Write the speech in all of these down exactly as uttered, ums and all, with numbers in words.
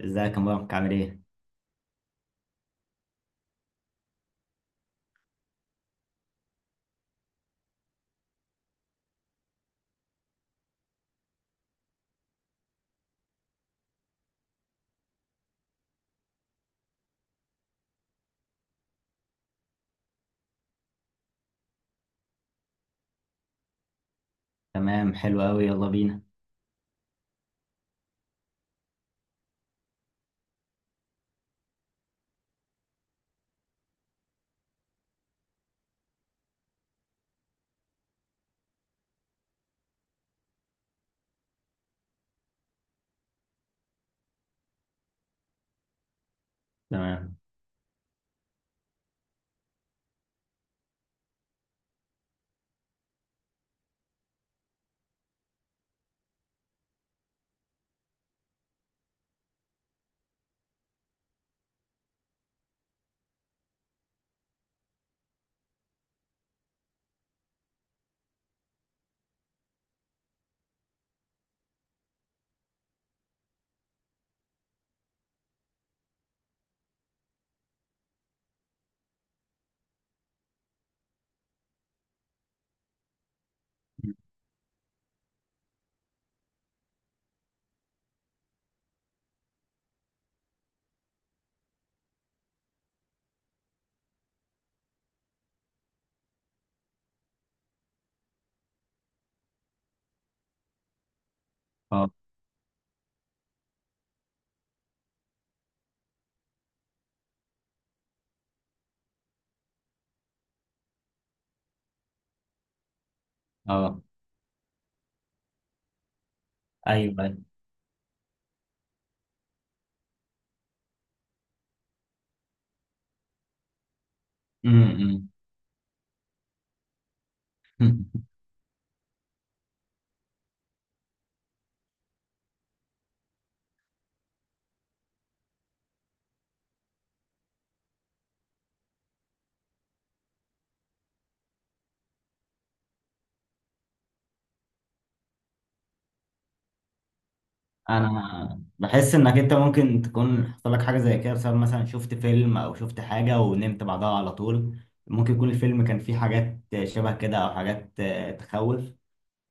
ازيك يا مبارك؟ عامل ايه؟ تمام، حلو قوي، يلا بينا. تمام. اه. اه. ايوه، أيوة. امم. أمم. انا بحس انك انت ممكن تكون حصل لك حاجه زي كده بسبب مثلا شفت فيلم او شفت حاجه ونمت بعدها على طول. ممكن يكون الفيلم كان فيه حاجات شبه كده او حاجات آه، تخوف.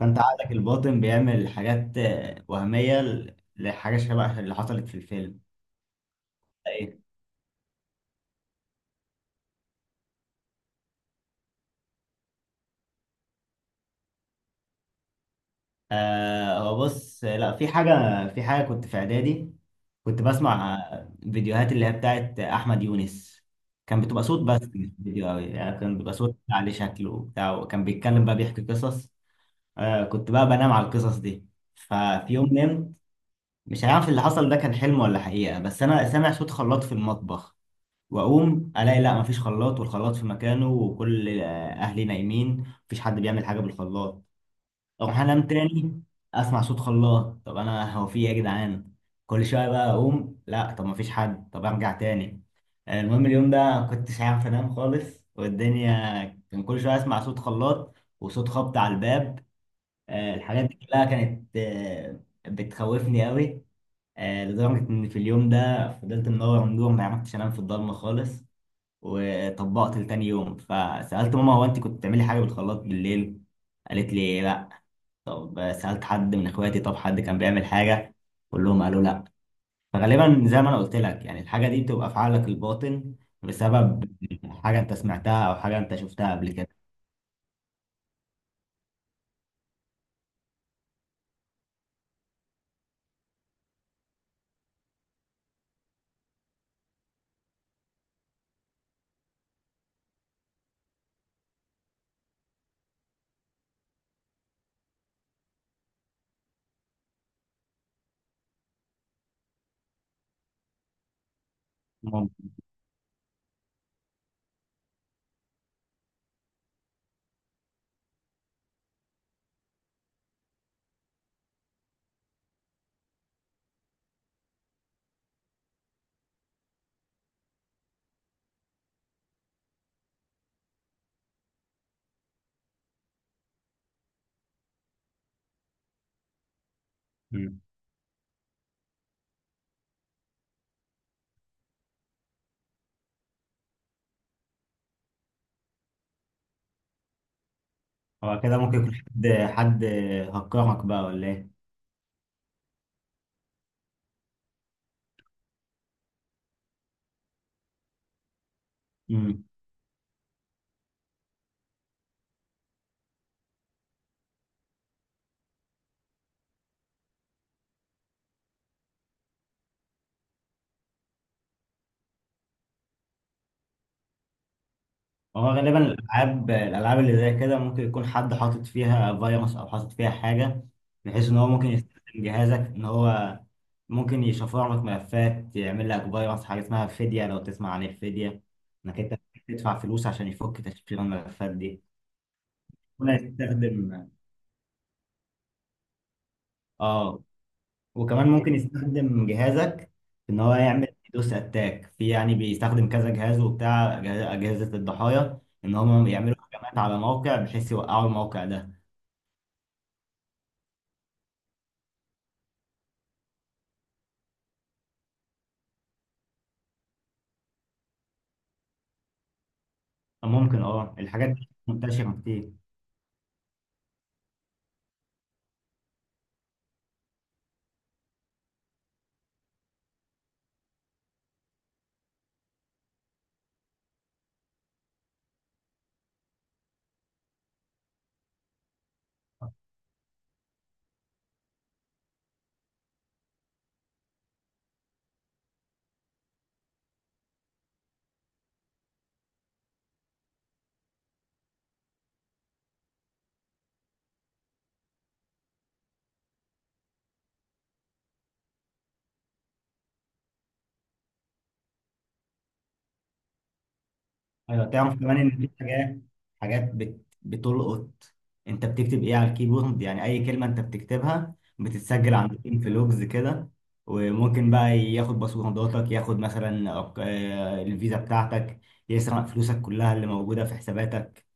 فانت عقلك الباطن بيعمل حاجات آه، وهميه ل- لحاجه شبه اللي حصلت في الفيلم. إيه؟ آه، هو بص، لا في حاجة. في حاجة كنت في إعدادي، كنت بسمع فيديوهات اللي هي بتاعت أحمد يونس. كان بتبقى صوت بس مش فيديو أوي، يعني كان بيبقى صوت عليه شكله وبتاع، وكان بيتكلم بقى بيحكي قصص. آه، كنت بقى بنام على القصص دي. ففي يوم نمت، مش عارف اللي حصل ده كان حلم ولا حقيقة، بس أنا سامع صوت خلاط في المطبخ. وأقوم ألاقي لا مفيش خلاط، والخلاط في مكانه، وكل آه، أهلي نايمين، مفيش حد بيعمل حاجة بالخلاط. اقوم حلم تاني، اسمع صوت خلاط. طب انا هو في ايه يا جدعان؟ كل شويه بقى اقوم، لا طب ما فيش حد، طب ارجع تاني. آه، المهم اليوم ده ما كنتش عارف انام خالص. والدنيا كان كل شويه اسمع صوت خلاط وصوت خبط على الباب. آه، الحاجات دي كلها كانت آه، بتخوفني قوي. آه، لدرجه ان في اليوم ده فضلت منور منور، ما عرفتش انام في الضلمه خالص. وطبقت لتاني يوم، فسالت ماما: هو انت كنت بتعملي حاجه بالخلاط بالليل؟ قالت لي لا. طب سألت حد من اخواتي، طب حد كان بيعمل حاجة؟ كلهم قالوا لا. فغالبا زي ما انا قلت لك، يعني الحاجة دي بتبقى في عقلك الباطن بسبب حاجة انت سمعتها او حاجة انت شفتها قبل كده. ممكن. مم. هو كده ممكن يكون حد، حد هكرهك بقى ولا ايه؟ مم. هو غالبا الالعاب، الالعاب اللي زي كده ممكن يكون حد حاطط فيها فيروس او حاطط فيها حاجه، بحيث ان هو ممكن يستخدم جهازك، ان هو ممكن يشفر لك ملفات، يعمل لك فيروس، حاجه اسمها فديه، لو تسمع عن الفديه، انك انت تدفع فلوس عشان يفك تشفير الملفات دي. هنا يستخدم. اه وكمان ممكن يستخدم جهازك ان هو يعمل دوس اتاك، في يعني بيستخدم كذا جهاز وبتاع، اجهزه الضحايا، ان هم يعملوا هجمات على موقع بحيث يوقعوا الموقع ده. ممكن، اه الحاجات دي منتشرة كتير. ايوه تعرف كمان ان في حاجات، حاجات بت... بتلقط انت بتكتب ايه على الكيبورد. يعني اي كلمة انت بتكتبها بتتسجل عندكم في لوجز كده. وممكن بقى ياخد باسورداتك، ياخد مثلا أرق- آه، الفيزا بتاعتك، يسرق فلوسك كلها اللي موجودة في حساباتك.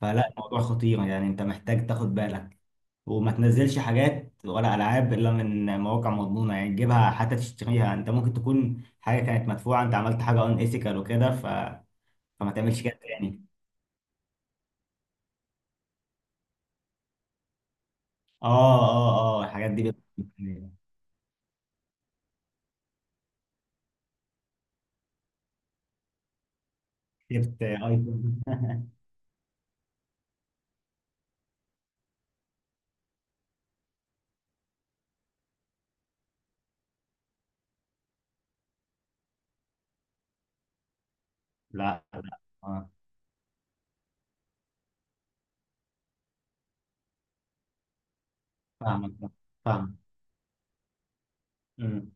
فلا، الموضوع خطير، يعني انت محتاج تاخد بالك، وما تنزلش حاجات ولا العاب الا من مواقع مضمونه. يعني تجيبها حتى تشتريها، انت ممكن تكون حاجه كانت مدفوعه، انت عملت حاجه ان ايثيكال وكده ف... فما تعملش كده تاني. اه اه اه الحاجات دي بت- جبت ايفون. لا لا اه. فاهمك. فاهم. أمم.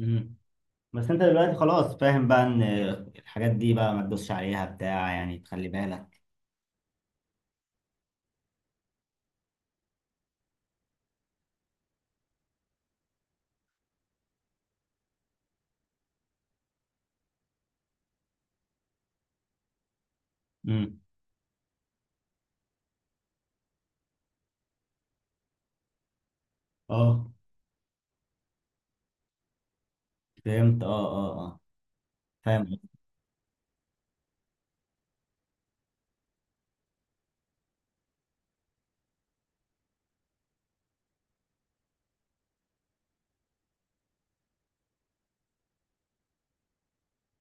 أمم. بس انت دلوقتي خلاص فاهم بقى ان الحاجات دي بقى ما تدوسش عليها بتاع، يعني تخلي بالك. امم. اه. فهمت. اه اه. اه فاهم.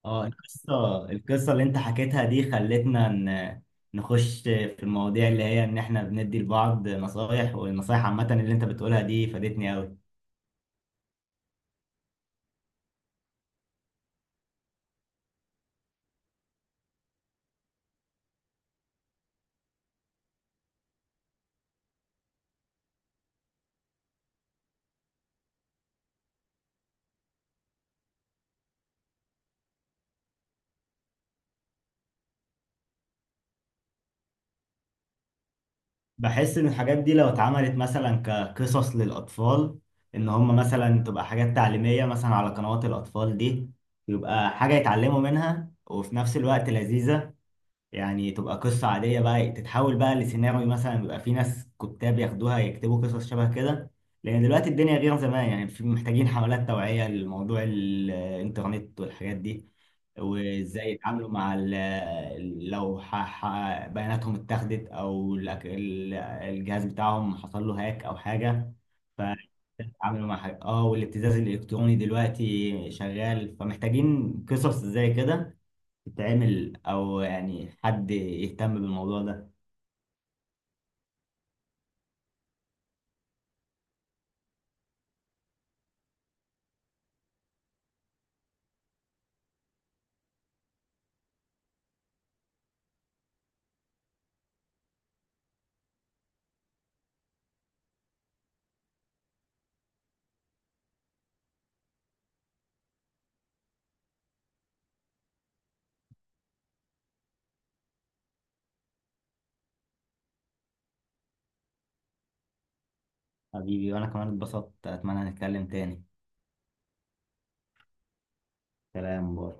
اه القصة، القصة اللي انت حكيتها دي خلتنا ن- نخش في المواضيع اللي هي ان احنا بندي لبعض نصايح، والنصايح عامة اللي انت بتقولها دي فادتني قوي. بحس ان الحاجات دي لو اتعملت مثلا كقصص للاطفال، ان هم مثلا تبقى حاجات تعليمية مثلا على قنوات الاطفال دي، يبقى حاجة يتعلموا منها وفي نفس الوقت لذيذة. يعني تبقى قصة عادية بقى تتحول بقى لسيناريو، مثلا بيبقى في ناس كتاب ياخدوها يكتبوا قصص شبه كده. لأن دلوقتي الدنيا غير زمان، يعني في محتاجين حملات توعية لموضوع ال- الإنترنت والحاجات دي. وإزاي يتعاملوا مع ال- لو ح- ح- بياناتهم اتاخدت، أو الأك- ال- الجهاز بتاعهم حصل له هاك أو حاجة. ف- يتعاملوا مع حاجة، اه والابتزاز الإلكتروني دلوقتي شغال، فمحتاجين قصص زي كده تتعمل، او يعني حد يهتم بالموضوع ده. حبيبي وانا كمان اتبسطت، اتمنى نتكلم تاني. سلام، باي.